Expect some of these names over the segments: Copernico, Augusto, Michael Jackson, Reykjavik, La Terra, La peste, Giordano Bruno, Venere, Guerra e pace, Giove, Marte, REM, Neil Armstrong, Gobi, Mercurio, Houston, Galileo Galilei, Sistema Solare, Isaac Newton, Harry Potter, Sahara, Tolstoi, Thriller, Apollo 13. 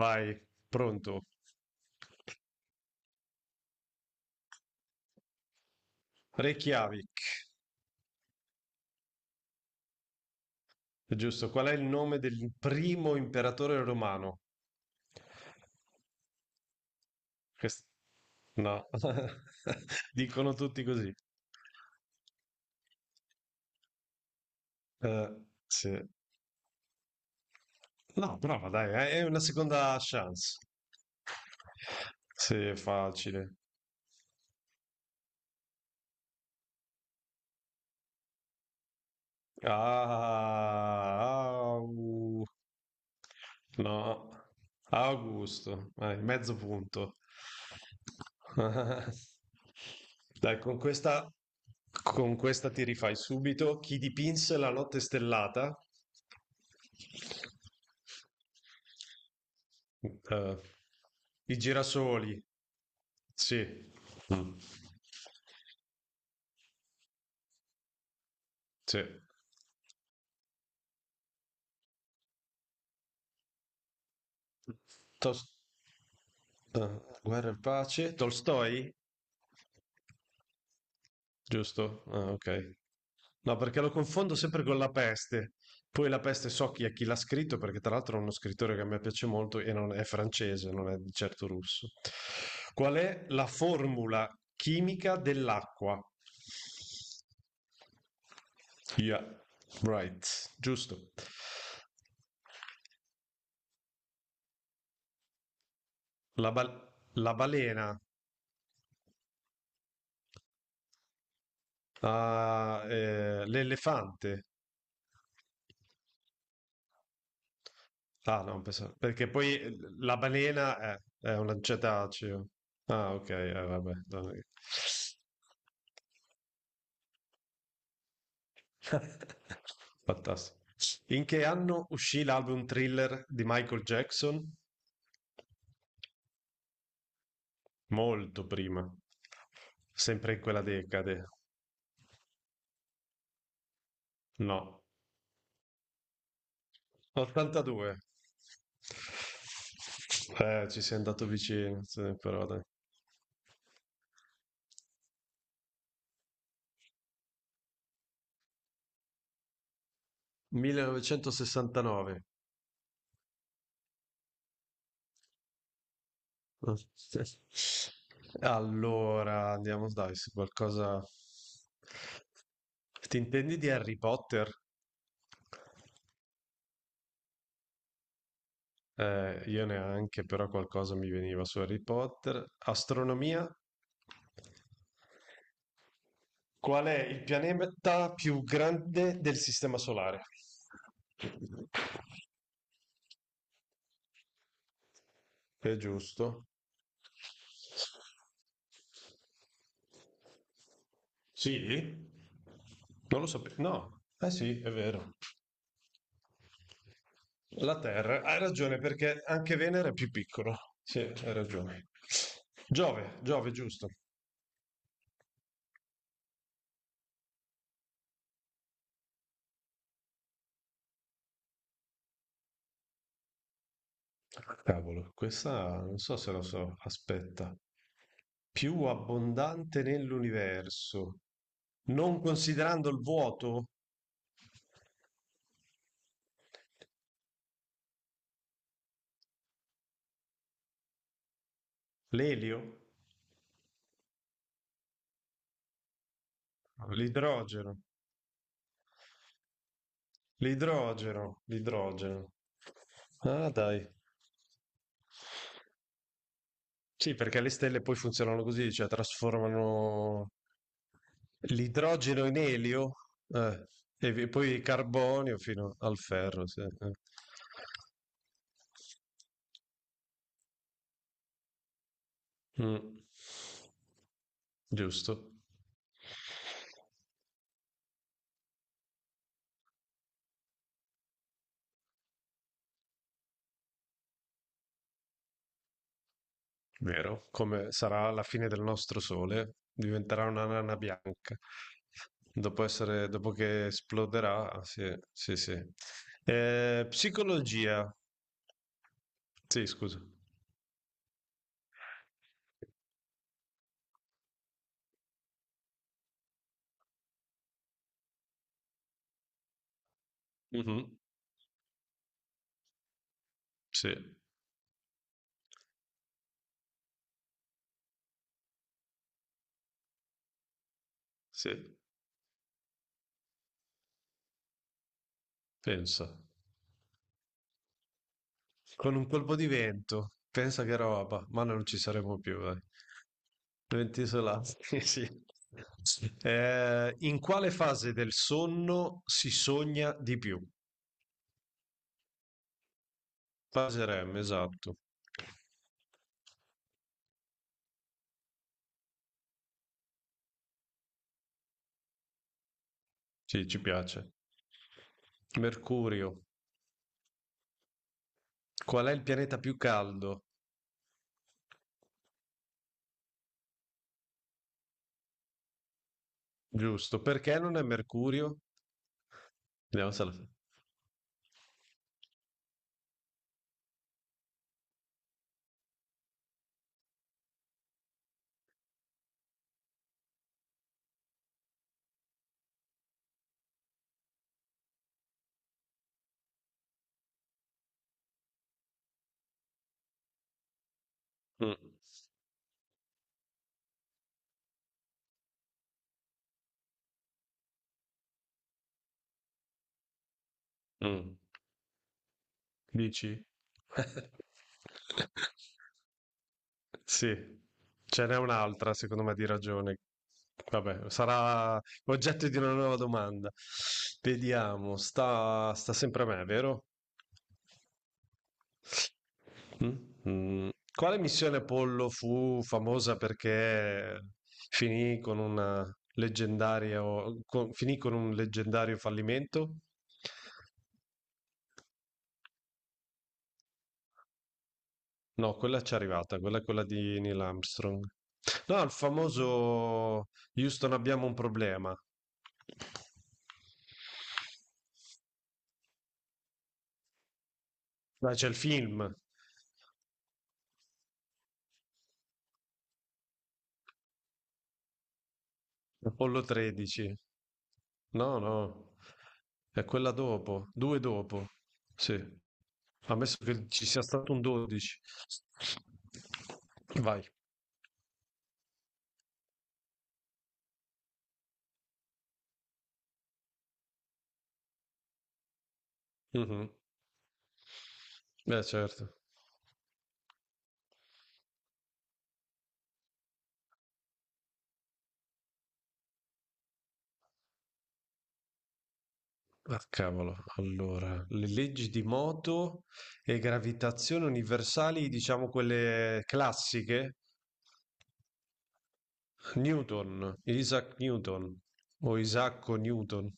Vai, pronto. Reykjavik, giusto. Qual è il nome del primo imperatore romano? Quest- No, dicono tutti così. Eh, sì. No, prova, dai, è una seconda chance. Sì, è facile. Ah, au. No, Augusto, vai, mezzo punto. Dai, con questa ti rifai subito. Chi dipinse la notte stellata? Eh, i girasoli. Sì. Mm. Sì. Tos- Guerra e pace, Tolstoi? Giusto? Ah, ok. No, perché lo confondo sempre con La peste. Poi La peste so chi è chi l'ha scritto, perché tra l'altro è uno scrittore che a me piace molto e non è francese, non è di certo russo. Qual è la formula chimica dell'acqua? Yeah, right, giusto. La balena, ah, l'elefante. Ah, no, perché poi la è una cetaceo. Ah, ok, vabbè. No. Fantastico. In che anno uscì l'album Thriller di Michael Jackson? Molto prima. Sempre in quella decade. No. 82. Ci sei andato vicino, sì, però dai. 1969. Allora, andiamo dai, su qualcosa... Ti intendi di Harry Potter? Io neanche, però qualcosa mi veniva su Harry Potter. Astronomia? Qual è il pianeta più grande del Sistema Solare? È giusto? Sì? Non lo sapevo. No. Eh sì, è vero. La Terra, hai ragione perché anche Venere è più piccolo. Sì, hai ragione. Giove, Giove, giusto. Cavolo, questa non so se lo so. Aspetta. Più abbondante nell'universo, non considerando il vuoto, l'elio, l'idrogeno, l'idrogeno. Ah, dai. Sì, perché le stelle poi funzionano così, cioè trasformano l'idrogeno in elio, eh, poi carbonio fino al ferro, sì, eh. Mm. Giusto, vero, come sarà la fine del nostro sole, diventerà una nana bianca. Dopo essere, dopo che esploderà, sì, sì, sì. Psicologia, sì, scusa. Mhm, sì, sì. Pensa, con un colpo di vento, pensa che roba, ma noi non ci saremo più, dai. Venti isolati, sì. In quale fase del sonno si sogna di più? Fase REM, esatto. Sì, ci piace. Mercurio. Qual è il pianeta più caldo? Giusto. Perché non è Mercurio? Vediamo se la... Mm, mm. Dici? Sì, ce n'è un'altra secondo me di ragione. Vabbè, sarà oggetto di una nuova domanda. Vediamo, sta sempre a me, vero? Mm? Mm. Quale missione Apollo fu famosa perché finì con una leggendaria, con- finì con un leggendario fallimento? No, quella ci è arrivata, quella è quella di Neil Armstrong. No, il famoso Houston abbiamo un problema. Ma c'è il film, Apollo 13. No, no, è quella dopo, due dopo. Sì, ammesso che ci sia stato un 12. Vai. Mhm. Beh, certo. Ah, cavolo, allora, le leggi di moto e gravitazione universali, diciamo quelle classiche, Newton, Isaac Newton o Isacco Newton.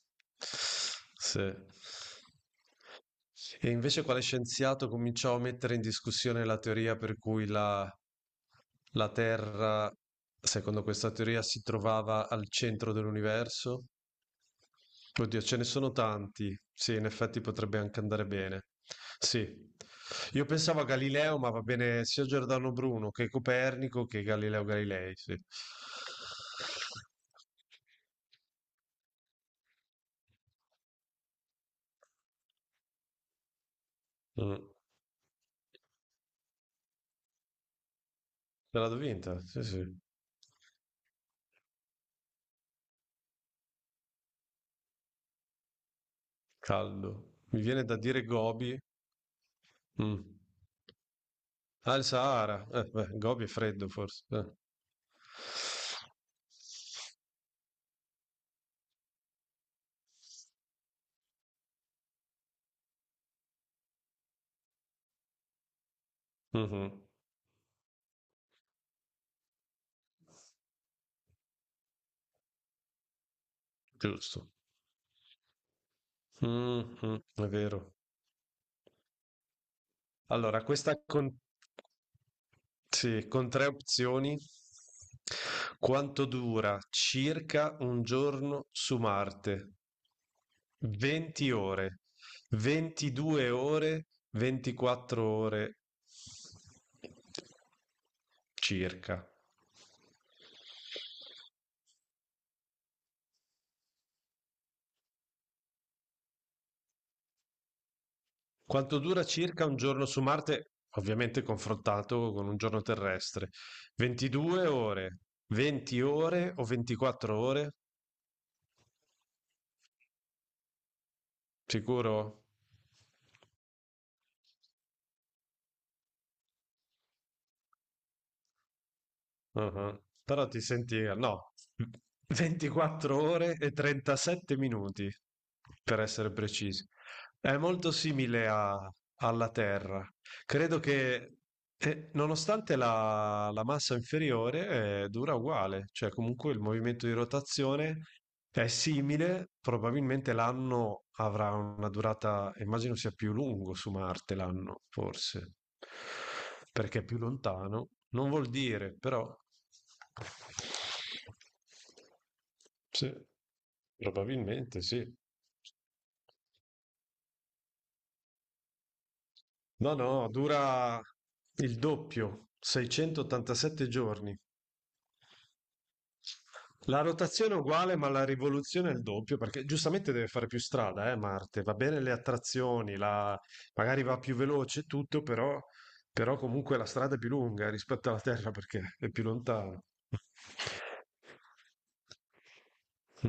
Sì. E invece quale scienziato cominciò a mettere in discussione la teoria per cui la Terra, secondo questa teoria, si trovava al centro dell'universo? Oddio, ce ne sono tanti. Sì, in effetti potrebbe anche andare bene. Sì. Io pensavo a Galileo, ma va bene sia Giordano Bruno che Copernico che Galileo Galilei, sì. Mm, me l'ha vinta, sì, sì. Caldo. Mi viene da dire Gobi. Mm. Ah, il Sahara. Beh, Gobi è freddo forse. Mhm, giusto. Mhm, è vero. Allora, questa con... sì, con tre opzioni. Quanto dura circa un giorno su Marte? 20 ore, 22 ore, 24 ore circa. Quanto dura circa un giorno su Marte, ovviamente confrontato con un giorno terrestre? 22 ore, 20 ore o 24 ore? Sicuro? Mhm. Però ti senti, no, 24 ore e 37 minuti, per essere precisi. È molto simile alla Terra. Credo che nonostante la massa inferiore dura uguale, cioè comunque il movimento di rotazione è simile, probabilmente l'anno avrà una durata, immagino sia più lungo su Marte l'anno, forse, perché è più lontano, non vuol dire, però sì, probabilmente sì. No, no, dura il doppio, 687 giorni. La rotazione è uguale, ma la rivoluzione è il doppio, perché giustamente deve fare più strada, Marte. Va bene le attrazioni, magari va più veloce e tutto, però... però comunque la strada è più lunga rispetto alla Terra perché è più lontano.